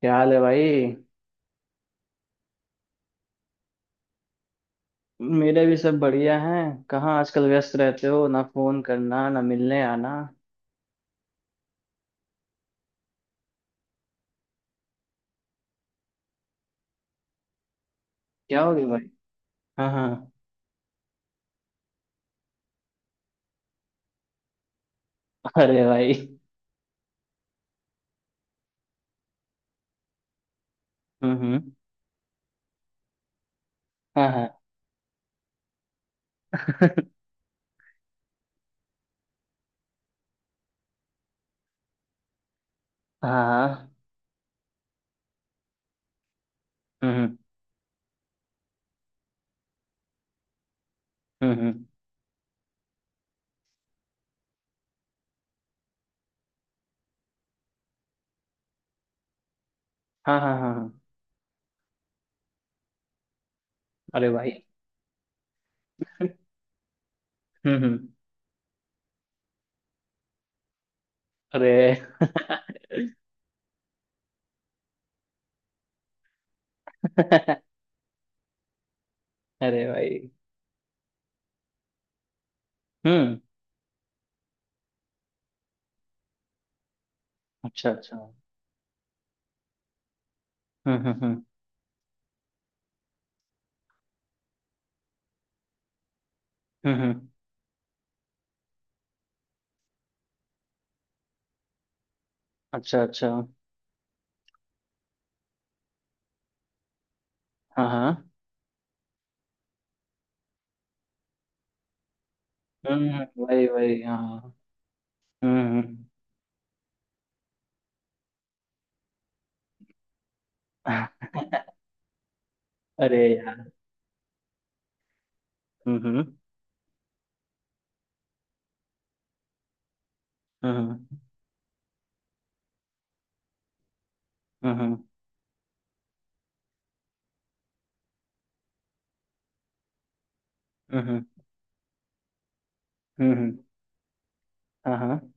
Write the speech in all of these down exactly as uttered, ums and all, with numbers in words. क्या हाल है भाई। मेरे भी सब बढ़िया हैं। कहाँ आजकल व्यस्त रहते हो, ना फोन करना ना मिलने आना। क्या हो गया भाई? हाँ हाँ। अरे भाई। हम्म हम्म। हाँ हाँ। हाँ हाँ। हम्म हम्म हम्म, हम्म। हाँ हाँ हाँ हाँ। अरे भाई। हम्म हम्म। अरे। अरे भाई। हम्म। अच्छा अच्छा हम्म हम्म। हम्म हम्म हम्म। अच्छा अच्छा। हाँ हाँ। हम्म हम्म। वही वही हाँ। हम्म हम्म। अरे यार। हम्म हम्म हम्म हम्म हम्म, हम्म। हम्म हम्म। हाँ हाँ।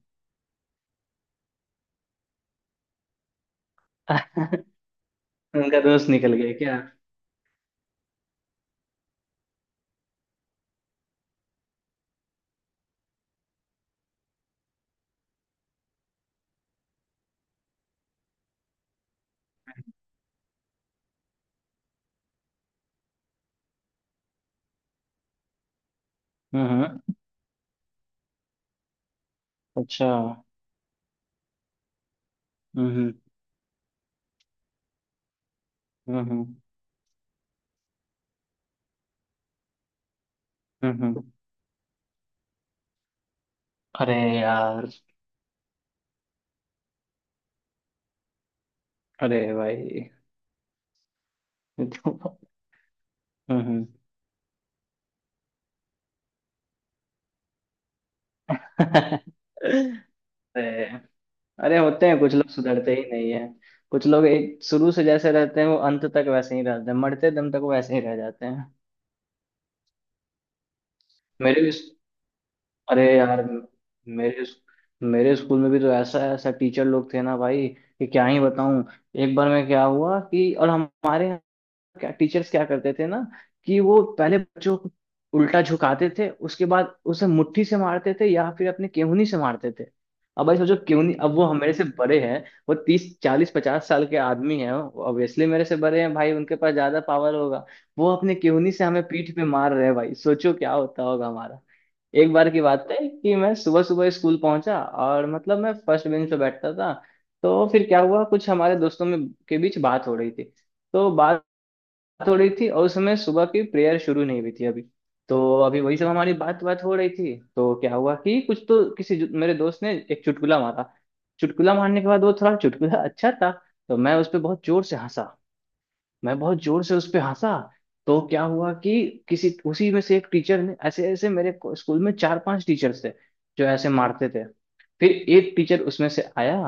उनका दोस्त निकल गया क्या? हम्म। अच्छा। हम्म हम्म हम्म। अरे यार। अरे भाई, ये तो- हम्म अरे। अरे, होते हैं कुछ लोग, सुधरते ही नहीं है। कुछ लोग एक शुरू से जैसे रहते हैं, वो अंत तक वैसे ही रहते हैं, मरते दम तक वैसे ही रह जाते हैं। मेरे भी। अरे यार। मेरे मेरे स्कूल में भी तो ऐसा ऐसा टीचर लोग थे ना भाई, कि क्या ही बताऊं। एक बार में क्या हुआ कि, और हमारे क्या टीचर्स क्या करते थे ना, कि वो पहले बच्चों को उल्टा झुकाते थे, उसके बाद उसे मुट्ठी से मारते थे, या फिर अपने केहूनी से मारते थे। अब भाई सोचो केहूनी, अब वो हमारे से बड़े हैं। वो तीस चालीस पचास साल के आदमी हैं, ऑब्वियसली मेरे से बड़े हैं भाई, उनके पास ज्यादा पावर होगा। वो अपने केहूनी से हमें पीठ पे मार रहे हैं, भाई सोचो क्या होता होगा हमारा। एक बार की बात है कि मैं सुबह सुबह स्कूल पहुंचा, और मतलब मैं फर्स्ट बेंच पे बैठता था। तो फिर क्या हुआ, कुछ हमारे दोस्तों में के बीच बात हो रही थी। तो बात थोड़ी थी, और उस समय सुबह की प्रेयर शुरू नहीं हुई थी अभी। तो अभी वही सब हमारी बात बात हो रही थी, तो क्या हुआ कि कुछ तो किसी जु- मेरे दोस्त ने एक चुटकुला मारा। चुटकुला मारने के बाद, वो थोड़ा चुटकुला अच्छा था। तो मैं उस पर बहुत जोर से हंसा। मैं बहुत जोर से उस पे हंसा। तो क्या हुआ कि किसी उसी में से एक टीचर ने ऐसे ऐसे मेरे को- स्कूल में चार पांच टीचर्स थे जो ऐसे मारते थे। फिर एक टीचर उसमें से आया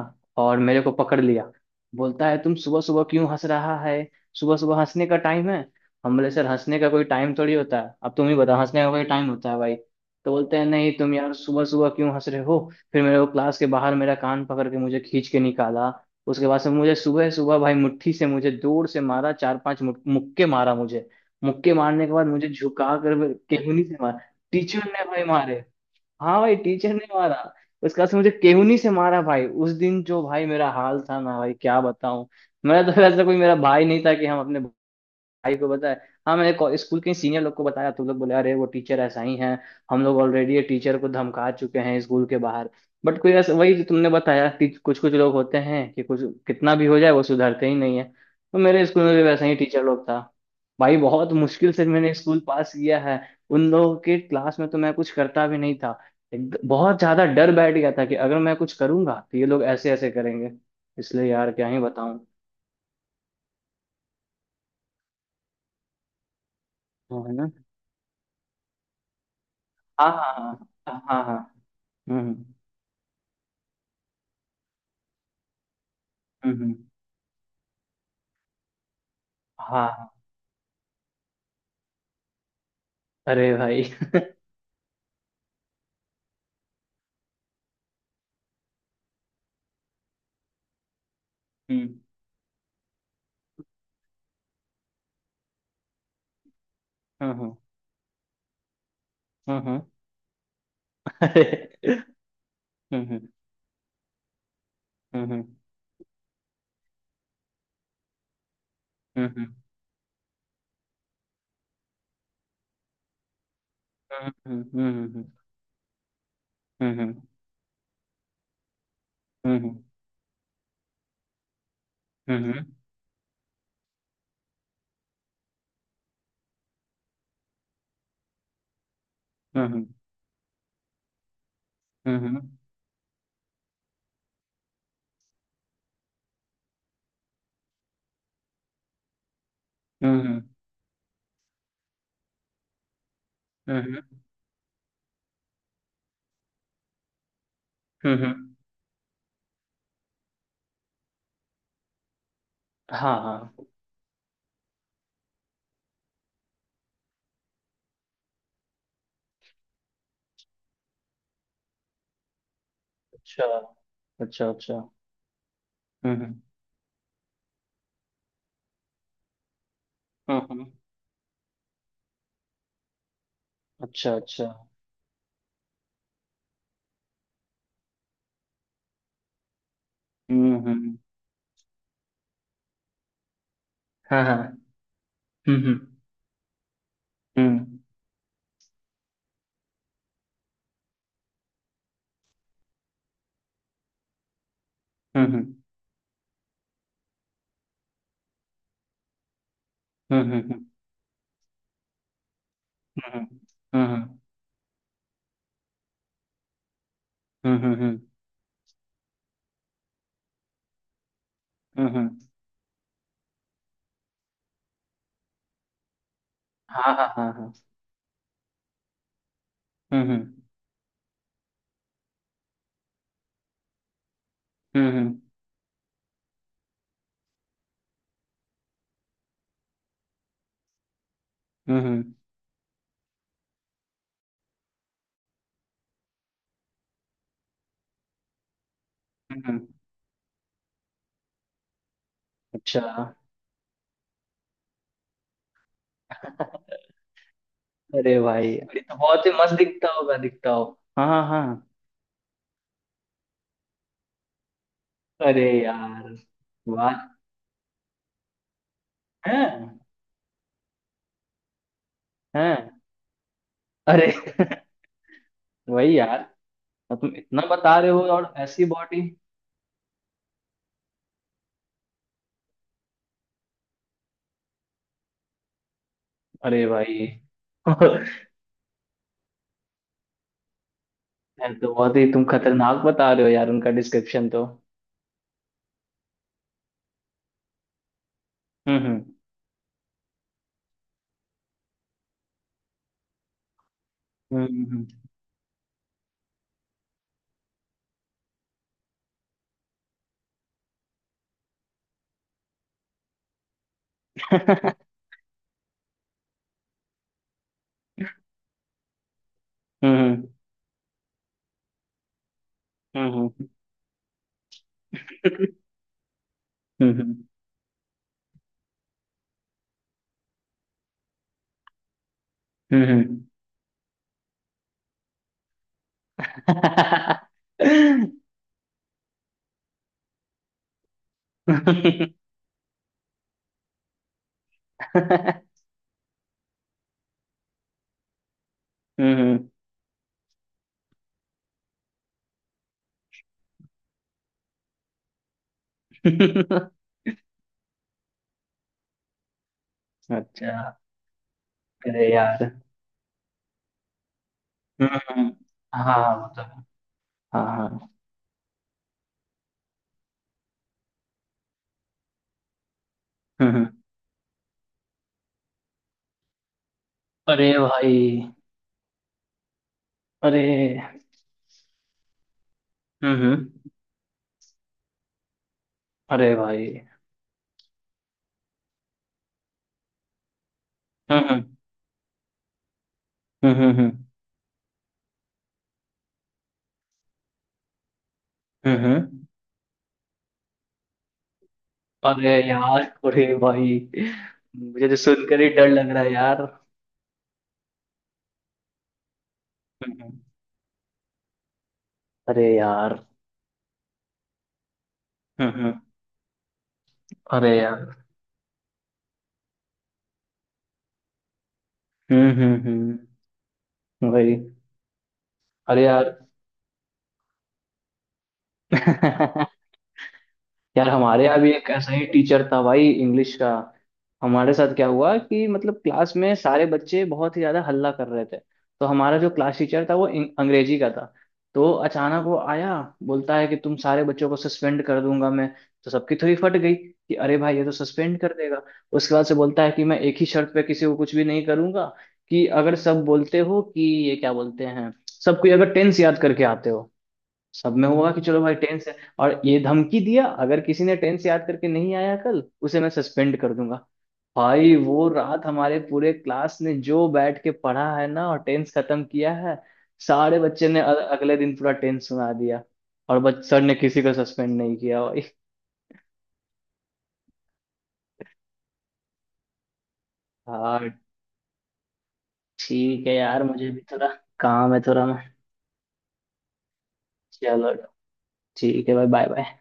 और मेरे को पकड़ लिया। बोलता है, तुम सुबह सुबह क्यों हंस रहा है? सुबह सुबह हंसने का टाइम है? हम बोले, सर हंसने का कोई टाइम थोड़ी होता है, अब तुम ही बताओ हंसने का कोई टाइम होता है भाई? तो बोलते हैं, नहीं तुम यार सुबह सुबह क्यों हंस रहे हो? फिर मेरे को क्लास के बाहर, मेरा कान पकड़ के मुझे खींच के निकाला। उसके बाद से मुझे सुबह सुबह भाई मुट्ठी से मुझे दूर से मारा, चार पांच मुक, मुक्के मारा मुझे। मुक्के मारने के बाद मुझे झुका कर केहूनी से मारा। टीचर ने भाई मारे। हाँ भाई, टीचर ने मारा। उसके बाद से मुझे केहूनी से मारा भाई, उस दिन जो भाई मेरा हाल था ना भाई, क्या बताऊं। मेरा तो ऐसा कोई मेरा भाई नहीं था कि हम अपने भाई को पता है। हाँ मैंने को- स्कूल के सीनियर लोग को बताया, तो लोग बोले, अरे वो टीचर ऐसा ही है। हम लोग ऑलरेडी ये टीचर को धमका चुके हैं स्कूल के बाहर। बट कोई ऐसा वही जो तुमने बताया कि कुछ कुछ लोग होते हैं, कि कुछ कितना भी हो जाए वो सुधरते ही नहीं है। तो मेरे स्कूल में भी वैसा ही टीचर लोग था। भाई बहुत मुश्किल से मैंने स्कूल पास किया है। उन लोगों के क्लास में तो मैं कुछ करता भी नहीं था। एक, बहुत ज्यादा डर बैठ गया था कि अगर मैं कुछ करूंगा तो ये लोग ऐसे ऐसे करेंगे। इसलिए यार, क्या ही बताऊं। वो है ना। हाँ हाँ हाँ हाँ हाँ। हम्म हम्म हम्म। हाँ हाँ। अरे भाई। हम्म हम्म हम्म हम्म। अरे। हम्म हम्म हम्म हम्म हम्म हम्म हम्म हम्म हम्म हम्म हम्म हम्म हम्म हम्म हम्म हम्म। हाँ हाँ। अच्छा अच्छा अच्छा। हम्म हम्म। अच्छा अच्छा। हम्म हम्म। हाँ हाँ। हम्म हम्म हम्म हम्म हम्म हम्म हम्म हम्म हम्म। हाँ हाँ हाँ हाँ। हम्म हम्म हम्म हम्म हम्म, हम्म। अच्छा। अरे भाई, अरे तो बहुत ही मस्त दिखता होगा, दिखता हो। हाँ हाँ हाँ। अरे यार। वाह। हैं? हैं? अरे। वही यार, और तुम इतना बता रहे हो, और ऐसी बॉडी। अरे भाई। यार। तो बहुत ही तुम खतरनाक बता रहे हो यार, उनका डिस्क्रिप्शन तो। हम्म हम्म हम्म हम्म। हम्म हम्म हम्म हम्म हम्म हम्म। हम्म, हम्म, हम्म। अच्छा। अरे यार। हाँ हाँ मतलब। हाँ हाँ हाँ। अरे भाई। अरे। हाँ। अरे भाई। हाँ हाँ हाँ हाँ। अरे यार, अरे भाई, मुझे तो सुनकर ही डर लग रहा है यार। हम्म। अरे यार। हाँ। अरे यार। हम्म हम्म। भाई। अरे यार। यार, हमारे यहाँ भी एक ऐसा ही टीचर था भाई, इंग्लिश का। हमारे साथ क्या हुआ कि मतलब, क्लास में सारे बच्चे बहुत ही ज्यादा हल्ला कर रहे थे। तो हमारा जो क्लास टीचर था वो इंग- अंग्रेजी का था। तो अचानक वो आया। बोलता है कि तुम सारे बच्चों को सस्पेंड कर दूंगा मैं। तो सबकी थोड़ी फट गई कि अरे भाई, ये तो सस्पेंड कर देगा। उसके बाद से बोलता है कि मैं एक ही शर्त पे किसी को कुछ भी नहीं करूंगा। कि अगर सब बोलते हो कि, ये क्या बोलते हैं, सब कोई अगर टेंस याद करके आते हो। सब में होगा कि चलो भाई टेंस है, और ये धमकी दिया, अगर किसी ने टेंस याद करके नहीं आया, कल उसे मैं सस्पेंड कर दूंगा। भाई, वो रात हमारे पूरे क्लास ने जो बैठ के पढ़ा है ना, और टेंस खत्म किया है। सारे बच्चे ने अ- अगले दिन पूरा टेंस सुना दिया। और बच सर ने किसी को सस्पेंड नहीं किया भाई। हाँ। ठीक है यार, मुझे भी थोड़ा काम है, थोड़ा मैं। चलो। ठीक है भाई, बाय बाय।